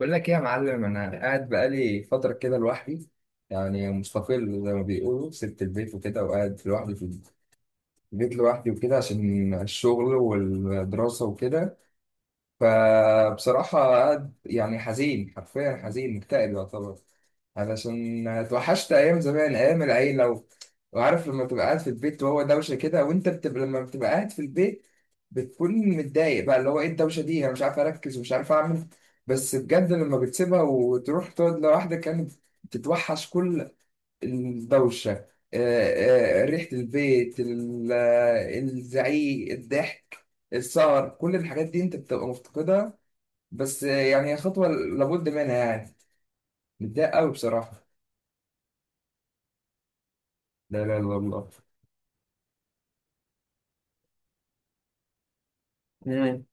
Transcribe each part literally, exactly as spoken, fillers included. بقول لك ايه يا معلم، انا قاعد بقالي فتره كده لوحدي. يعني مستقل زي ما بيقولوا، سبت البيت وكده وقاعد لوحدي في البيت لوحدي وكده، عشان الشغل والدراسه وكده. فبصراحة قاعد يعني حزين، حرفيا حزين، مكتئب يعتبر، علشان اتوحشت أيام زمان، أيام العيلة و... وعارف لما تبقى قاعد في البيت وهو دوشة كده، وأنت بتبقى لما بتبقى قاعد في البيت بتكون متضايق، بقى اللي هو إيه الدوشة دي، أنا مش عارف أركز ومش عارف أعمل. بس بجد لما بتسيبها وتروح تقعد لوحدك، كانت بتتوحش كل الدوشة. آه، آه، ريحة البيت، ال- آه، الزعيق، الضحك، السهر، كل الحاجات دي انت بتبقى مفتقدها. بس آه، يعني هي خطوة لابد منها يعني. متضايق قوي بصراحة. لا، لا، لا، الله. مم.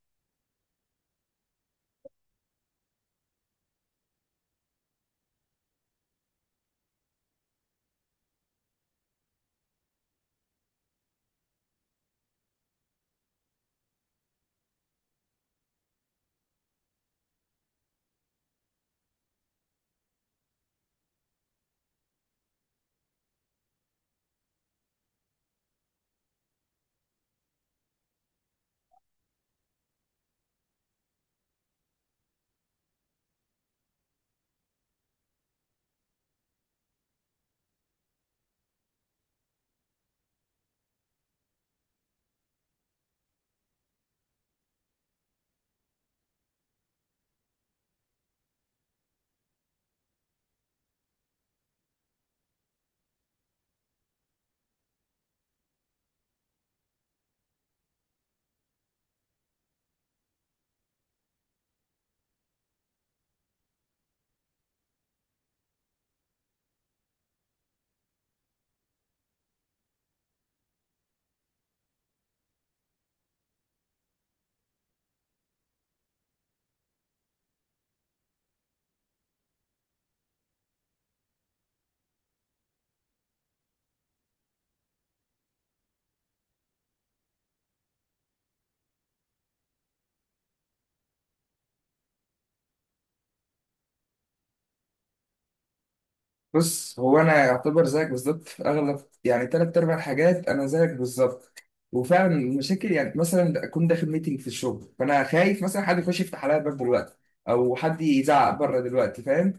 بص، هو انا يعتبر زيك بالظبط في اغلب، يعني تلات ارباع الحاجات انا زيك بالظبط. وفعلا المشاكل، يعني مثلا اكون داخل ميتنج في الشغل فانا خايف مثلا حد يخش يفتح عليا الباب دلوقتي، او حد يزعق بره دلوقتي، فاهم.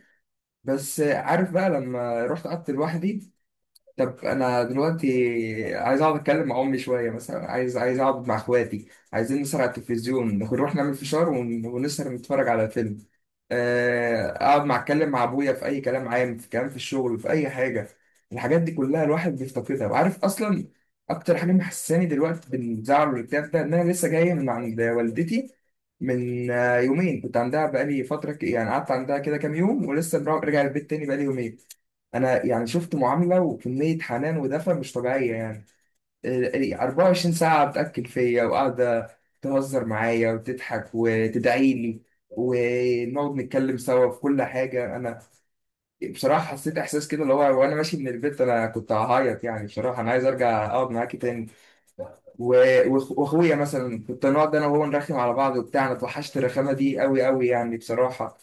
بس عارف بقى لما رحت قعدت لوحدي، طب انا دلوقتي عايز اقعد اتكلم مع امي شويه، مثلا عايز عايز اقعد مع اخواتي، عايزين نسهر على التلفزيون، نروح نعمل فشار ون- ونسهر نتفرج على فيلم، آه، اقعد مع اتكلم مع ابويا في اي كلام عام، في كلام في الشغل، في اي حاجه. الحاجات دي كلها الواحد بيفتقدها. وعارف اصلا اكتر حاجه محساني دلوقتي بالزعل والاكتئاب ده، ان انا لسه جاي من عند والدتي، من آه، يومين كنت عندها، بقالي فتره ك- يعني قعدت عندها كده كام يوم، ولسه مروح- راجع البيت تاني بقالي يومين. انا يعني شفت معامله وكميه حنان ودفى مش طبيعيه، يعني ال- ال- اربعة وعشرين ساعه بتاكل فيا، وقاعده تهزر معايا وتضحك وتدعي لي، ونقعد نتكلم سوا في كل حاجه. انا بصراحه حسيت احساس كده اللي هو، وانا ماشي من البيت انا كنت هعيط يعني، بصراحه انا عايز ارجع اقعد معاكي تاني. و- واخ- واخويا مثلا كنت نقعد انا وهو نرخم على بعض وبتاع، انا اتوحشت الرخامه دي قوي قوي، يعني بصراحه.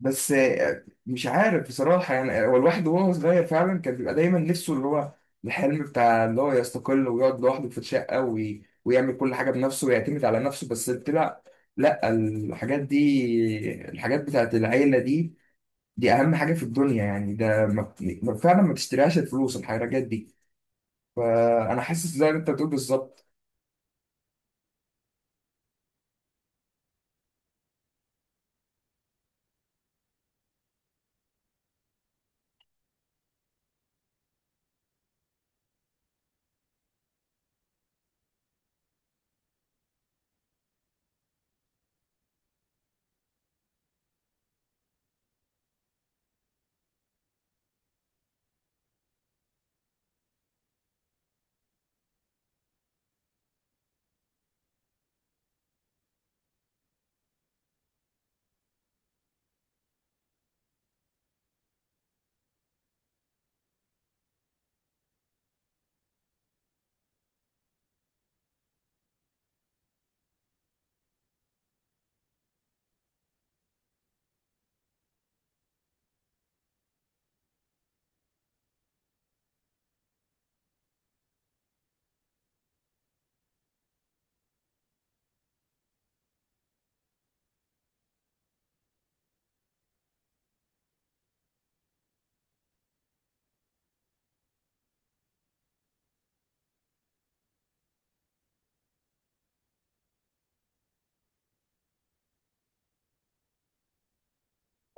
بس آه، مش عارف بصراحة، يعني هو الواحد وهو صغير فعلا كان بيبقى دايما نفسه اللي هو الحلم بتاع اللي هو يستقل ويقعد لوحده في الشقة، وي... ويعمل كل حاجة بنفسه ويعتمد على نفسه. بس طلع لا، الحاجات دي الحاجات بتاعت العيلة دي دي أهم حاجة في الدنيا، يعني ده ما... ما- فعلا ما تشتريهاش الفلوس الحاجات دي. فأنا حاسس زي ما أنت بتقول بالظبط.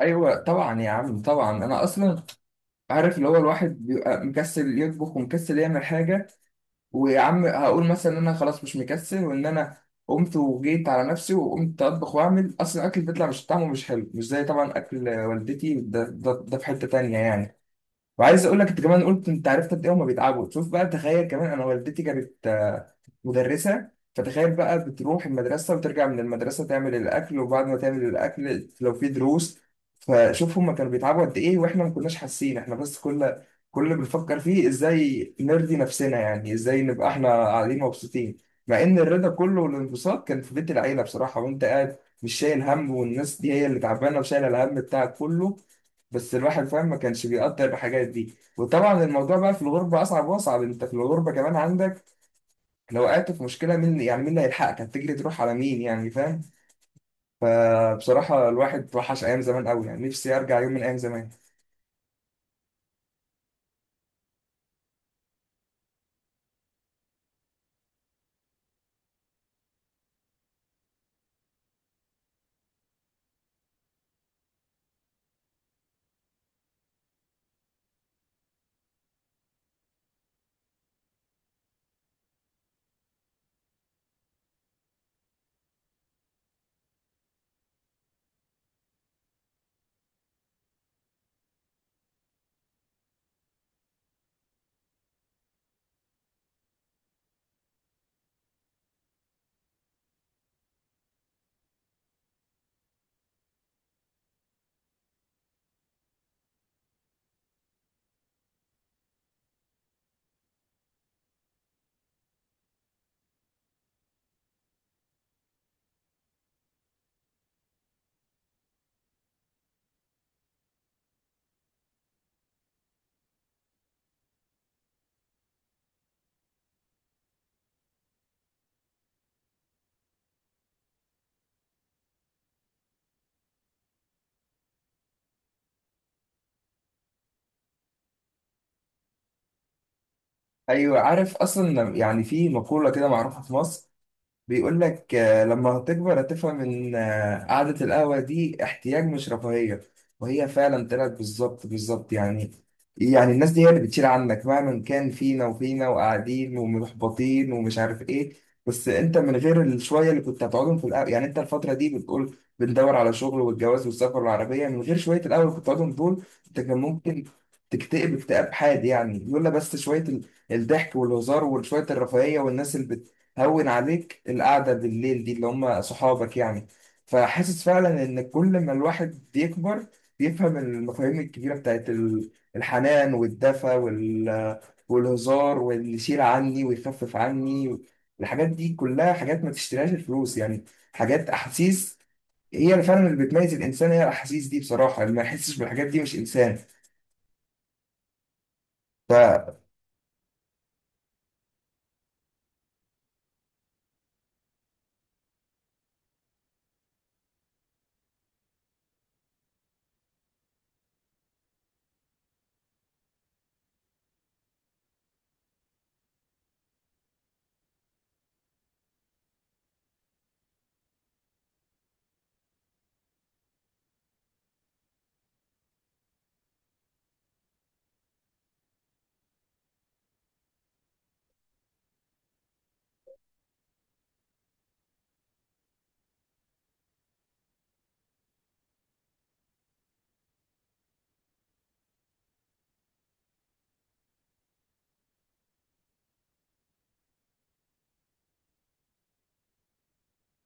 ايوه طبعا يا عم، طبعا انا اصلا عارف اللي هو الواحد بيبقى مكسل يطبخ ومكسل يعمل حاجه. ويا عم، هقول مثلا ان انا خلاص مش مكسل وان انا قمت وجيت على نفسي وقمت اطبخ، واعمل، اصلا الاكل بيطلع مش طعمه، مش حلو، مش زي طبعا اكل والدتي، ده, ده, ده في حتة تانية يعني. وعايز اقول لك، انت كمان قلت انت عرفت قد ايه هما بيتعبوا. شوف بقى، تخيل كمان انا والدتي كانت آه، مدرسه، فتخيل بقى بتروح المدرسه وترجع من المدرسه تعمل الاكل، وبعد ما تعمل الاكل لو في دروس. فشوف هما كانوا بيتعبوا قد ايه، واحنا ما كناش حاسين، احنا بس كل كل اللي بنفكر فيه ازاي نرضي نفسنا، يعني ازاي نبقى احنا قاعدين مبسوطين، مع ان الرضا كله والانبساط كان في بيت العيله بصراحه، وانت قاعد مش شايل هم، والناس دي هي اللي تعبانه وشايله الهم بتاعك كله. بس الواحد فاهم، ما كانش بيقدر الحاجات دي. وطبعا الموضوع بقى في الغربة أصعب وأصعب، أنت في الغربة كمان عندك لو وقعت في مشكلة مين، يعني مين اللي هيلحقك، هتجري تروح على مين يعني، فاهم. فبصراحة الواحد وحش أيام زمان قوي، يعني نفسي أرجع يوم من أيام زمان. أيوة، عارف أصلا، يعني في مقولة كده معروفة في مصر، بيقول لك آه، لما هتكبر هتفهم ان آه، قعدة القهوة دي احتياج مش رفاهية، وهي فعلا طلعت بالظبط بالظبط يعني. يعني الناس دي هي اللي بتشيل عنك مهما كان فينا وفينا، وقاعدين ومحبطين ومش عارف ايه. بس انت من غير الشوية اللي كنت هتقعدهم في القهوة، يعني انت الفترة دي بتقول بندور على شغل والجواز والسفر والعربية، من غير شوية القهوة اللي كنت هتقعدهم دول انت كان ممكن تكتئب اكتئاب حاد يعني، لولا بس شوية ال- الضحك والهزار، وشوية الرفاهية، والناس اللي بتهون عليك القعدة بالليل دي اللي هم صحابك يعني. فحاسس فعلا إن كل ما الواحد بيكبر بيفهم المفاهيم الكبيرة بتاعت ال- الحنان والدفى وال... والهزار، واللي يشيل عني ويخفف عني. الحاجات دي كلها حاجات ما تشتريهاش الفلوس يعني، حاجات، أحاسيس، هي اللي فعلا اللي بتميز الإنسان، هي الأحاسيس دي بصراحة، اللي ما يحسش بالحاجات دي مش إنسان.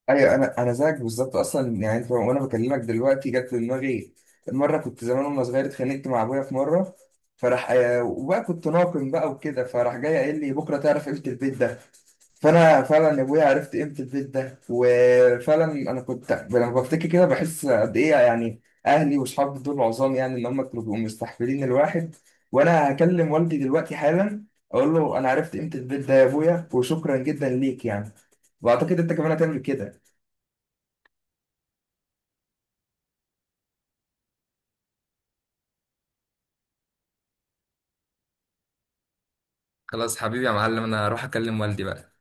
ايوه، انا انا زيك بالظبط اصلا، يعني انت وانا بكلمك دلوقتي جت في دماغي، مره كنت زمان وانا صغير اتخانقت مع ابويا في مره، فراح آه، وبقى كنت ناقم بقى وكده، فراح جاي قايل لي بكره تعرف قيمه البيت ده. فانا فعلا يا ابويا عرفت قيمه البيت ده، وفعلا انا كنت لما بفتكر كده بحس قد ايه يعني اهلي واصحابي دول عظام، يعني ان هم كانوا بيبقوا مستحفلين الواحد. وانا هكلم والدي دلوقتي حالا، اقول له انا عرفت قيمه البيت ده يا ابويا، وشكرا جدا ليك يعني. واعتقد انت كمان هتعمل كده. خلاص حبيبي يا معلم، انا هروح اكلم والدي بقى.